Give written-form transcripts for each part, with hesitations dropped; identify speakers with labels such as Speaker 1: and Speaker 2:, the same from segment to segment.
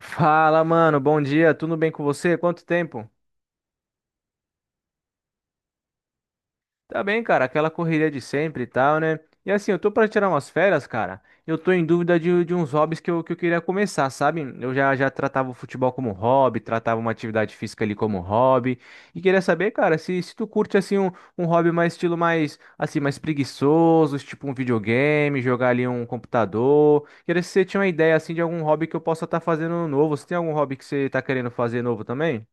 Speaker 1: Fala, mano, bom dia, tudo bem com você? Quanto tempo? Tá bem, cara, aquela correria de sempre e tal, né? E assim, eu tô pra tirar umas férias, cara. Eu tô em dúvida de uns hobbies que eu queria começar, sabe? Eu já, já tratava o futebol como hobby, tratava uma atividade física ali como hobby. E queria saber, cara, se tu curte, assim, um hobby mais estilo mais, assim, mais preguiçoso, tipo um videogame, jogar ali um computador. Queria se você tinha uma ideia, assim, de algum hobby que eu possa estar fazendo novo. Você tem algum hobby que você tá querendo fazer novo também?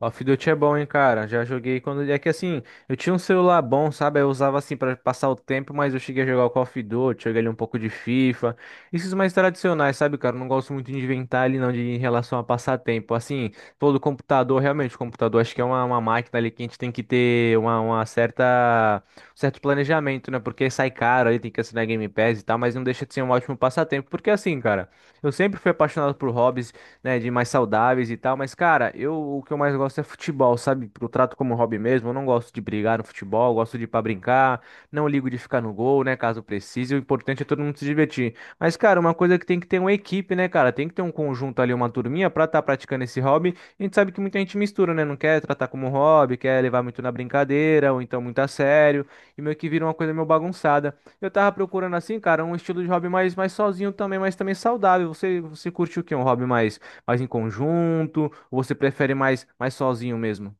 Speaker 1: Off Duty é bom, hein, cara. Já joguei quando. É que assim, eu tinha um celular bom, sabe? Eu usava assim pra passar o tempo, mas eu cheguei a jogar o Call of Duty, joguei ali um pouco de FIFA. Esses mais tradicionais, sabe, cara? Eu não gosto muito de inventar ali, não, de em relação a passar tempo. Assim, pô, do computador, realmente, o computador acho que é uma máquina ali que a gente tem que ter uma certa. Um certo planejamento, né? Porque sai caro ali, tem que assinar Game Pass e tal, mas não deixa de ser um ótimo passatempo. Porque assim, cara, eu sempre fui apaixonado por hobbies, né, de mais saudáveis e tal, mas cara, eu o que eu mais gosto é futebol, sabe? Eu trato como hobby mesmo, eu não gosto de brigar no futebol, eu gosto de ir pra brincar, não ligo de ficar no gol, né, caso precise, o importante é todo mundo se divertir. Mas cara, uma coisa que tem que ter uma equipe, né, cara? Tem que ter um conjunto ali, uma turminha pra estar praticando esse hobby. A gente sabe que muita gente mistura, né? Não quer tratar como hobby, quer levar muito na brincadeira, ou então muito a sério, e meio que vira uma coisa meio bagunçada. Eu tava procurando assim, cara, um estilo de hobby mais sozinho também, mas também saudável. Você curte o quê? Um hobby mais mais em conjunto? Ou você prefere mais, mais sozinho mesmo?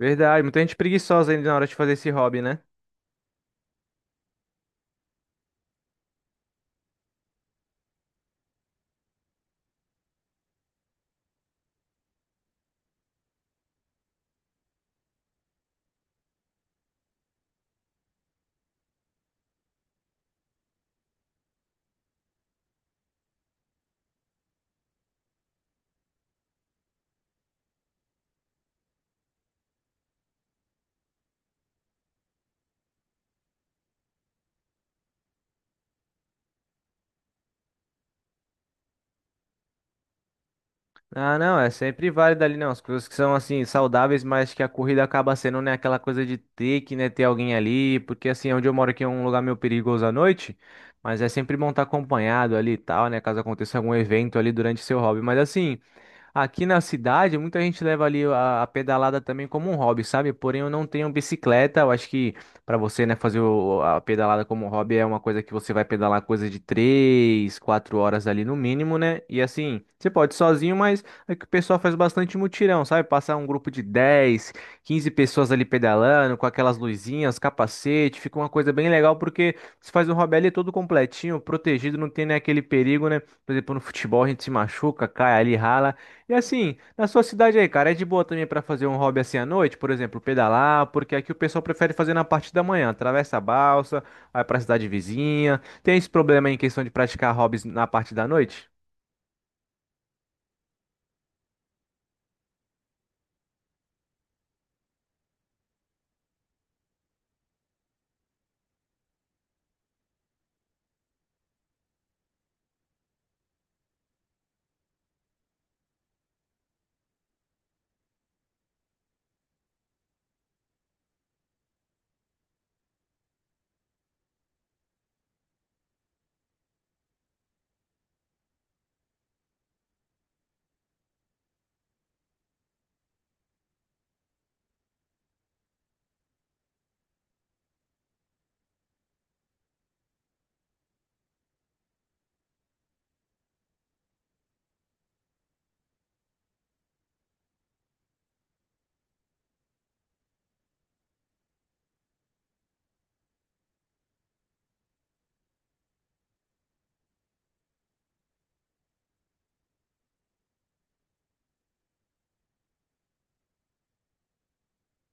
Speaker 1: Verdade, muita gente preguiçosa ainda na hora de fazer esse hobby, né? Ah, não, é sempre válido ali, não. As coisas que são, assim, saudáveis, mas que a corrida acaba sendo, né, aquela coisa de ter que, né, ter alguém ali, porque, assim, onde eu moro aqui é um lugar meio perigoso à noite, mas é sempre bom estar acompanhado ali e tal, né, caso aconteça algum evento ali durante seu hobby. Mas, assim, aqui na cidade, muita gente leva ali a pedalada também como um hobby, sabe? Porém, eu não tenho bicicleta. Eu acho que para você, né, fazer a pedalada como um hobby é uma coisa que você vai pedalar coisa de três, quatro horas ali no mínimo, né? E assim, você pode ir sozinho, mas é que o pessoal faz bastante mutirão, sabe? Passar um grupo de 10, 15 pessoas ali pedalando, com aquelas luzinhas, capacete, fica uma coisa bem legal, porque você faz um hobby ali todo completinho, protegido, não tem, né, aquele perigo, né? Por exemplo, no futebol a gente se machuca, cai ali, rala. E assim, na sua cidade aí, cara, é de boa também pra fazer um hobby assim à noite, por exemplo, pedalar, porque aqui o pessoal prefere fazer na parte da manhã, atravessa a balsa, vai pra cidade vizinha. Tem esse problema aí em questão de praticar hobbies na parte da noite?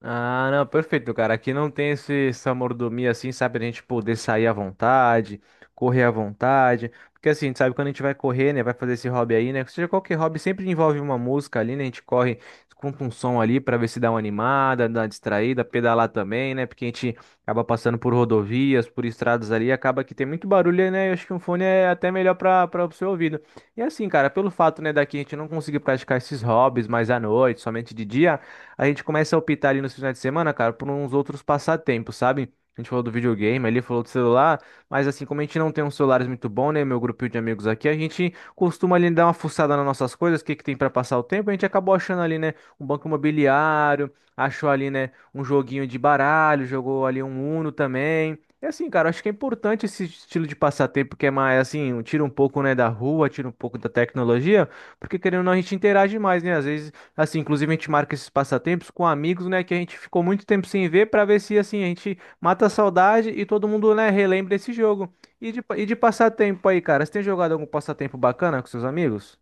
Speaker 1: Ah, não, perfeito, cara. Aqui não tem esse, essa mordomia assim, sabe? A gente poder sair à vontade, correr à vontade. Porque assim, a gente sabe quando a gente vai correr, né? Vai fazer esse hobby aí, né? Seja qualquer hobby, sempre envolve uma música ali, né? A gente corre, escuta um som ali pra ver se dá uma animada, dá uma distraída, pedalar também, né? Porque a gente acaba passando por rodovias, por estradas ali, acaba que tem muito barulho, né? Eu acho que um fone é até melhor pra, pra o seu ouvido. E assim, cara, pelo fato, né, daqui a gente não conseguir praticar esses hobbies mais à noite, somente de dia a gente começa a optar ali nos finais de semana, cara, por uns outros passatempos, sabe? A gente falou do videogame, ele falou do celular, mas assim, como a gente não tem uns celulares muito bons, né, meu grupinho de amigos aqui, a gente costuma ali dar uma fuçada nas nossas coisas, o que que tem pra passar o tempo, a gente acabou achando ali, né, um banco imobiliário, achou ali, né, um joguinho de baralho, jogou ali um Uno também. E assim, cara, acho que é importante esse estilo de passatempo que é mais assim, tira um pouco, né, da rua, tira um pouco da tecnologia, porque querendo ou não a gente interage mais, né? Às vezes assim, inclusive a gente marca esses passatempos com amigos, né, que a gente ficou muito tempo sem ver pra ver se assim a gente mata a saudade e todo mundo, né, relembra esse jogo. E de passatempo aí, cara, você tem jogado algum passatempo bacana com seus amigos?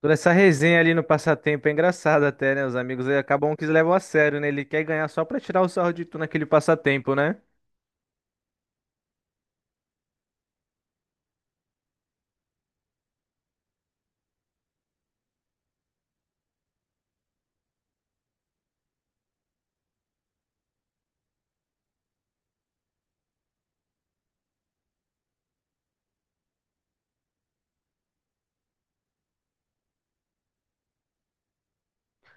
Speaker 1: Toda essa resenha ali no passatempo é engraçada até, né? Os amigos aí acabam que eles levam a sério, né? Ele quer ganhar só pra tirar o sarro de tu naquele passatempo, né?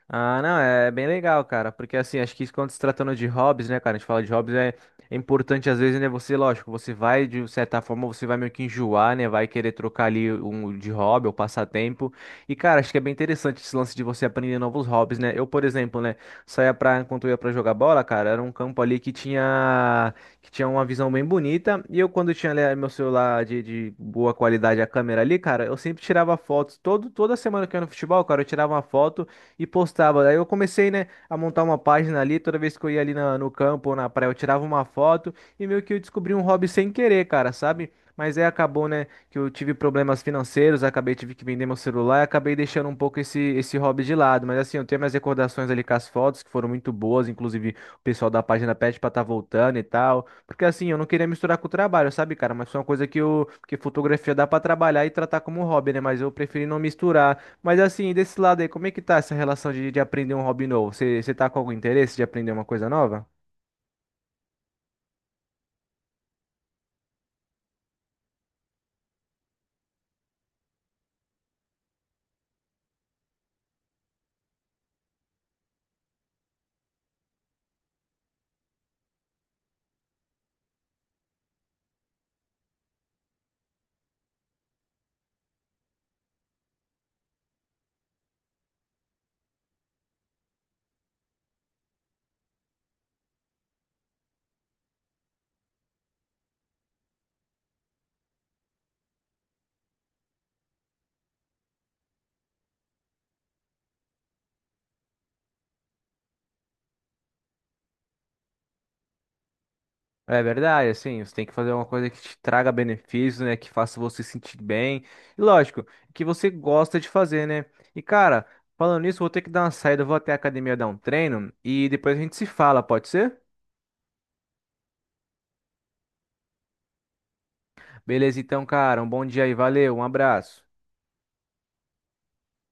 Speaker 1: Ah, não, é bem legal, cara, porque assim, acho que isso quando se tratando de hobbies, né, cara, a gente fala de hobbies, é importante às vezes, né, você, lógico, você vai, de certa forma, você vai meio que enjoar, né, vai querer trocar ali um de hobby ou passatempo, e cara, acho que é bem interessante esse lance de você aprender novos hobbies, né, eu, por exemplo, né, saía pra, enquanto eu ia pra jogar bola, cara, era um campo ali que tinha uma visão bem bonita, e eu quando tinha ali meu celular de boa qualidade, a câmera ali, cara, eu sempre tirava fotos, toda semana que eu ia no futebol, cara, eu tirava uma foto, e postava. Daí eu comecei, né, a montar uma página ali, toda vez que eu ia ali no campo ou na praia, eu tirava uma foto e meio que eu descobri um hobby sem querer, cara, sabe? Mas aí acabou, né, que eu tive problemas financeiros, acabei tive que vender meu celular e acabei deixando um pouco esse hobby de lado. Mas assim, eu tenho minhas recordações ali com as fotos, que foram muito boas, inclusive o pessoal da página pede pra estar voltando e tal. Porque assim, eu não queria misturar com o trabalho, sabe, cara? Mas foi uma coisa que que fotografia dá pra trabalhar e tratar como hobby, né? Mas eu preferi não misturar. Mas assim, desse lado aí, como é que tá essa relação de aprender um hobby novo? Você tá com algum interesse de aprender uma coisa nova? É verdade, assim, você tem que fazer uma coisa que te traga benefícios, né? Que faça você se sentir bem. E lógico, que você gosta de fazer, né? E cara, falando nisso, eu vou ter que dar uma saída, eu vou até a academia dar um treino e depois a gente se fala, pode ser? Beleza, então, cara, um bom dia aí, valeu, um abraço.